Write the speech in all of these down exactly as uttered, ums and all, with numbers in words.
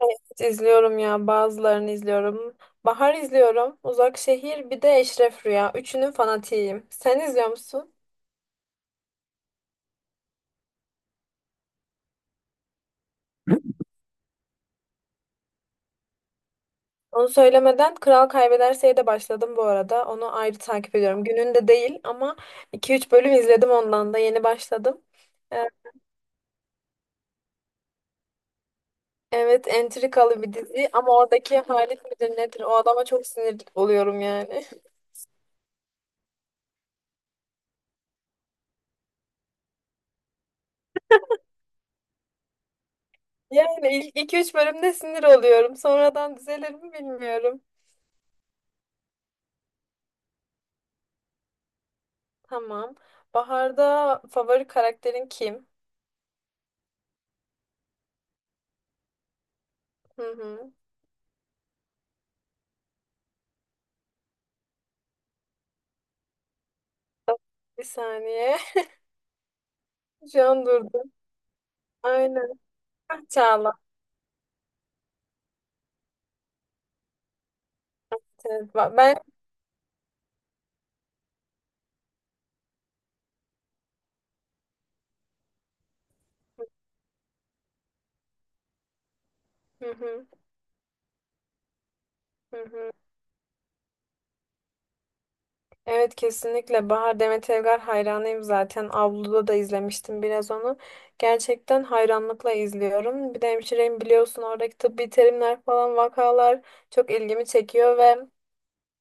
Evet, izliyorum ya, bazılarını izliyorum. Bahar izliyorum. Uzak Şehir, bir de Eşref Rüya. Üçünün fanatiyim. Sen izliyor musun? Onu söylemeden Kral Kaybederse'ye de başladım bu arada. Onu ayrı takip ediyorum. Gününde değil ama iki üç bölüm izledim ondan da. Yeni başladım. Ee, Evet, entrikalı bir dizi ama oradaki Halit midir nedir? O adama çok sinir oluyorum yani. Yani ilk iki üç bölümde sinir oluyorum. Sonradan düzelir mi bilmiyorum. Tamam. Bahar'da favori karakterin kim? Hı hı. Bir saniye. Şu an durdum. Aynen. Ah, Çağla. Evet, ba- ben hı hı, hı hı. Evet, kesinlikle Bahar Demet Evgar hayranıyım zaten. Avluda da izlemiştim biraz onu. Gerçekten hayranlıkla izliyorum. Bir de hemşireyim, biliyorsun, oradaki tıbbi terimler falan, vakalar çok ilgimi çekiyor ve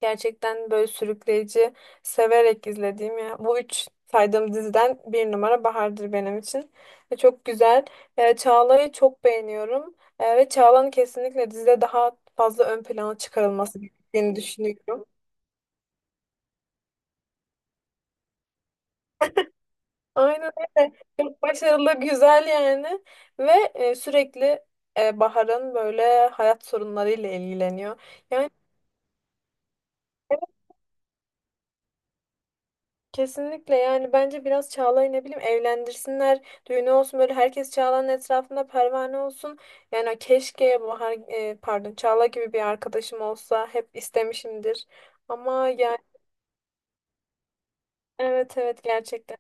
gerçekten böyle sürükleyici, severek izlediğim ya. Bu üç saydığım diziden bir numara Bahar'dır benim için. Ve çok güzel. E, Çağla'yı çok beğeniyorum. E, ve Çağla'nın kesinlikle dizide daha fazla ön plana çıkarılması gerektiğini düşünüyorum. Aynen öyle. Çok başarılı, güzel yani. Ve e, sürekli e, Bahar'ın böyle hayat sorunlarıyla ilgileniyor. Yani kesinlikle yani bence biraz Çağla'yı, ne bileyim, evlendirsinler, düğünü olsun, böyle herkes Çağla'nın etrafında pervane olsun. Yani keşke Bahar e, pardon, Çağla gibi bir arkadaşım olsa, hep istemişimdir. Ama yani evet, evet, gerçekten.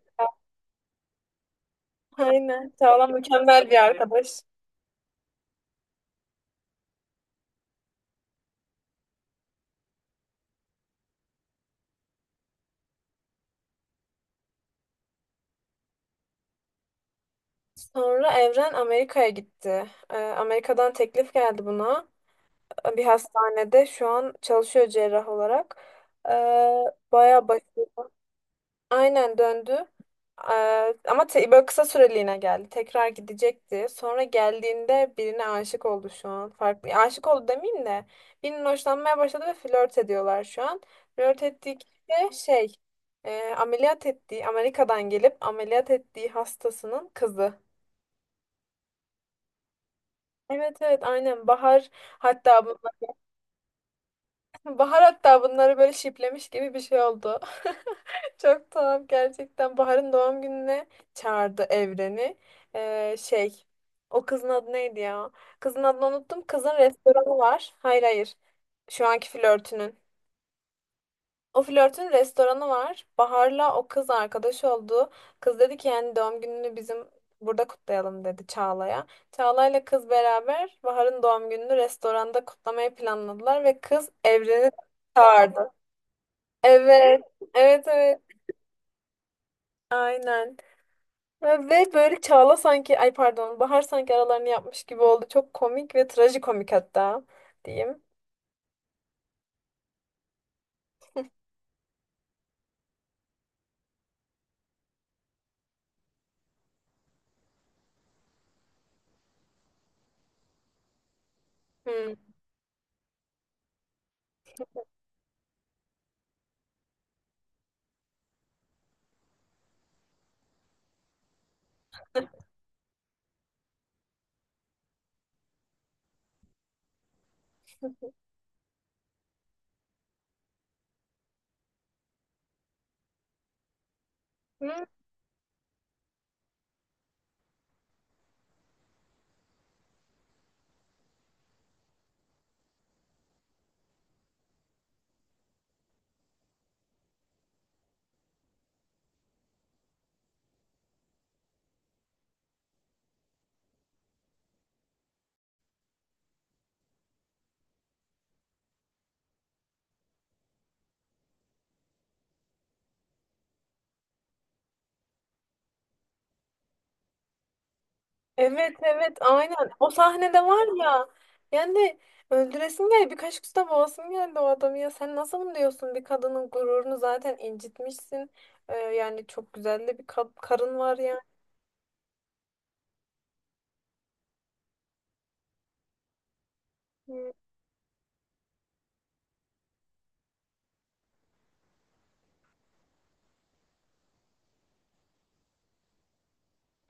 Aynen, Çağla mükemmel bir arkadaş. Sonra Evren Amerika'ya gitti. E, Amerika'dan teklif geldi buna. Bir hastanede şu an çalışıyor cerrah olarak. E, bayağı başarılı. Aynen, döndü. Eee, ama te- böyle kısa süreliğine geldi. Tekrar gidecekti. Sonra geldiğinde birine aşık oldu şu an. Farklı. Aşık oldu demeyeyim de, birinin hoşlanmaya başladı ve flört ediyorlar şu an. Flört ettiği kişi de şey eee, ameliyat ettiği, Amerika'dan gelip ameliyat ettiği hastasının kızı. Evet, evet, aynen. Bahar hatta bu Bahar hatta bunları böyle şiplemiş gibi bir şey oldu. Çok tuhaf gerçekten. Bahar'ın doğum gününe çağırdı Evren'i. Ee, şey, O kızın adı neydi ya? Kızın adını unuttum. Kızın restoranı var. Hayır, hayır. Şu anki flörtünün. O flörtün restoranı var. Bahar'la o kız arkadaş oldu. Kız dedi ki yani doğum gününü bizim burada kutlayalım, dedi Çağla'ya. Çağla'yla kız beraber Bahar'ın doğum gününü restoranda kutlamayı planladılar ve kız Evren'i çağırdı. Evet, evet, evet. Aynen. Ve ve böyle Çağla sanki, ay pardon, Bahar sanki aralarını yapmış gibi oldu. Çok komik, ve trajikomik hatta diyeyim. Hı. Hı? Evet, evet, aynen. O sahnede var ya. Yani öldüresin geldi. Birkaç kusta boğasın geldi o adamı ya. Sen nasıl bunu diyorsun? Bir kadının gururunu zaten incitmişsin. Ee, yani çok güzel de bir ka- karın var yani. Hı.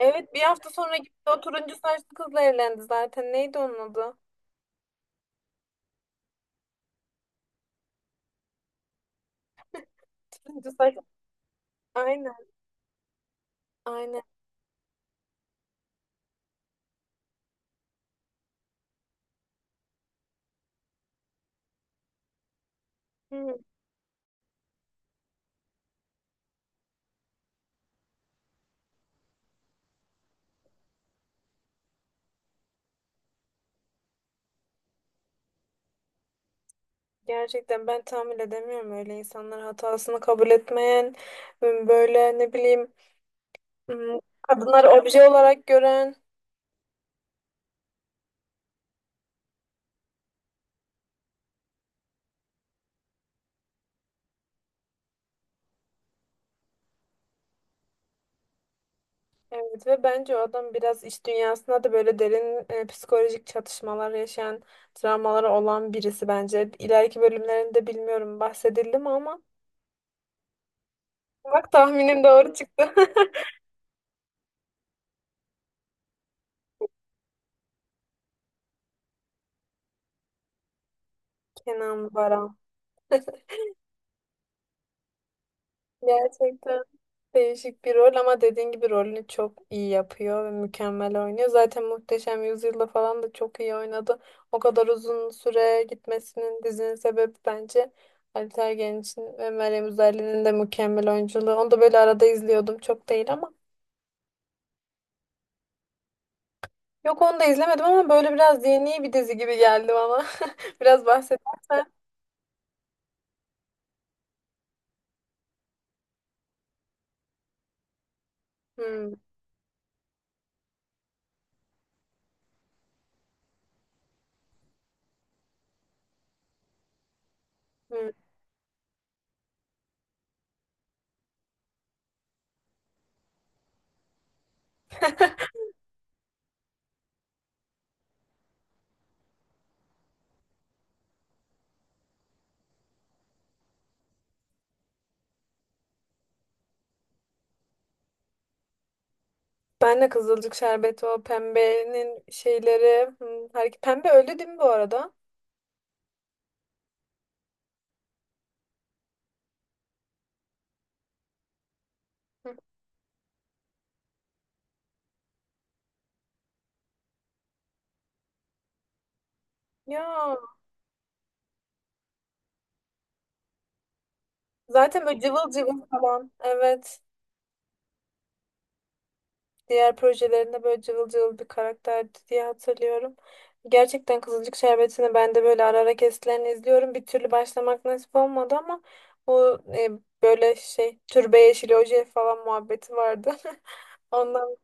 Evet, bir hafta sonra gitti, o turuncu saçlı kızla evlendi zaten. Neydi onun adı? Turuncu saç. Aynen. Aynen. Hı, gerçekten ben tahammül edemiyorum öyle insanlar, hatasını kabul etmeyen, m, böyle ne bileyim, m, kadınları obje olarak gören. Evet, ve bence o adam biraz iş dünyasında da böyle derin e, psikolojik çatışmalar yaşayan, travmaları olan birisi bence. İleriki bölümlerinde bilmiyorum bahsedildi mi ama bak, tahminim doğru çıktı. Kenan Baran. Gerçekten. Değişik bir rol ama dediğin gibi rolünü çok iyi yapıyor ve mükemmel oynuyor. Zaten Muhteşem Yüzyıl'da falan da çok iyi oynadı. O kadar uzun süre gitmesinin, dizinin sebebi bence Ali Tergen ve Meryem Üzerli'nin de mükemmel oyunculuğu. Onu da böyle arada izliyordum, çok değil ama. Yok, onu da izlemedim ama böyle biraz yeni bir dizi gibi geldi bana. Biraz bahsedersen. Hmm, hmm. Ben de Kızılcık Şerbeti, o pembenin şeyleri. Hmm, her- Pembe öldü değil mi bu arada? Hı. Ya. Zaten böyle cıvıl cıvıl falan. Evet. Diğer projelerinde böyle cıvıl cıvıl bir karakterdi diye hatırlıyorum. Gerçekten Kızılcık Şerbeti'ni ben de böyle ara ara kesitlerini izliyorum. Bir türlü başlamak nasip olmadı ama o e, böyle şey türbe yeşili oje falan muhabbeti vardı. Ondan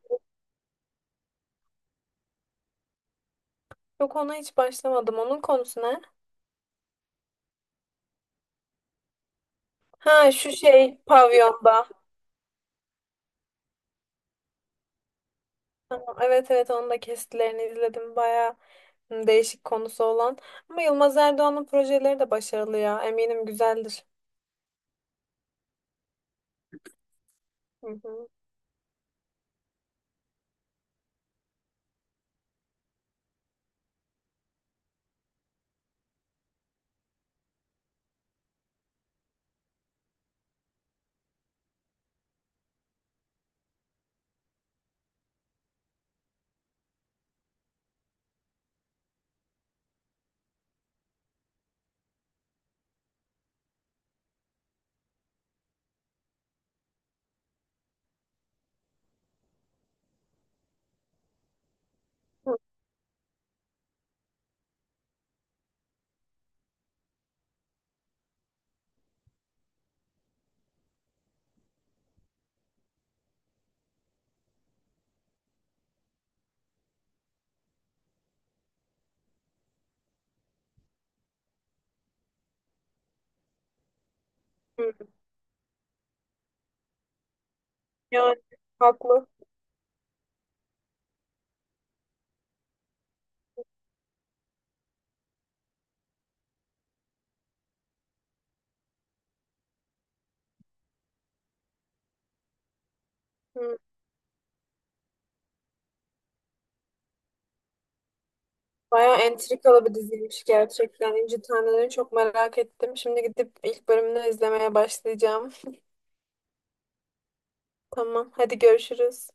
yok, ona hiç başlamadım. Onun konusu ne? Ha, şu şey pavyonda. Tamam, evet, evet, onun da kesitlerini izledim. Bayağı hı, değişik konusu olan. Ama Yılmaz Erdoğan'ın projeleri de başarılı ya. Eminim güzeldir. Hı hı. Hı hı. Yani haklı. Hı. Bayağı entrikalı bir diziymiş gerçekten. İnci Tanrı'nı çok merak ettim. Şimdi gidip ilk bölümünü izlemeye başlayacağım. Tamam, hadi görüşürüz.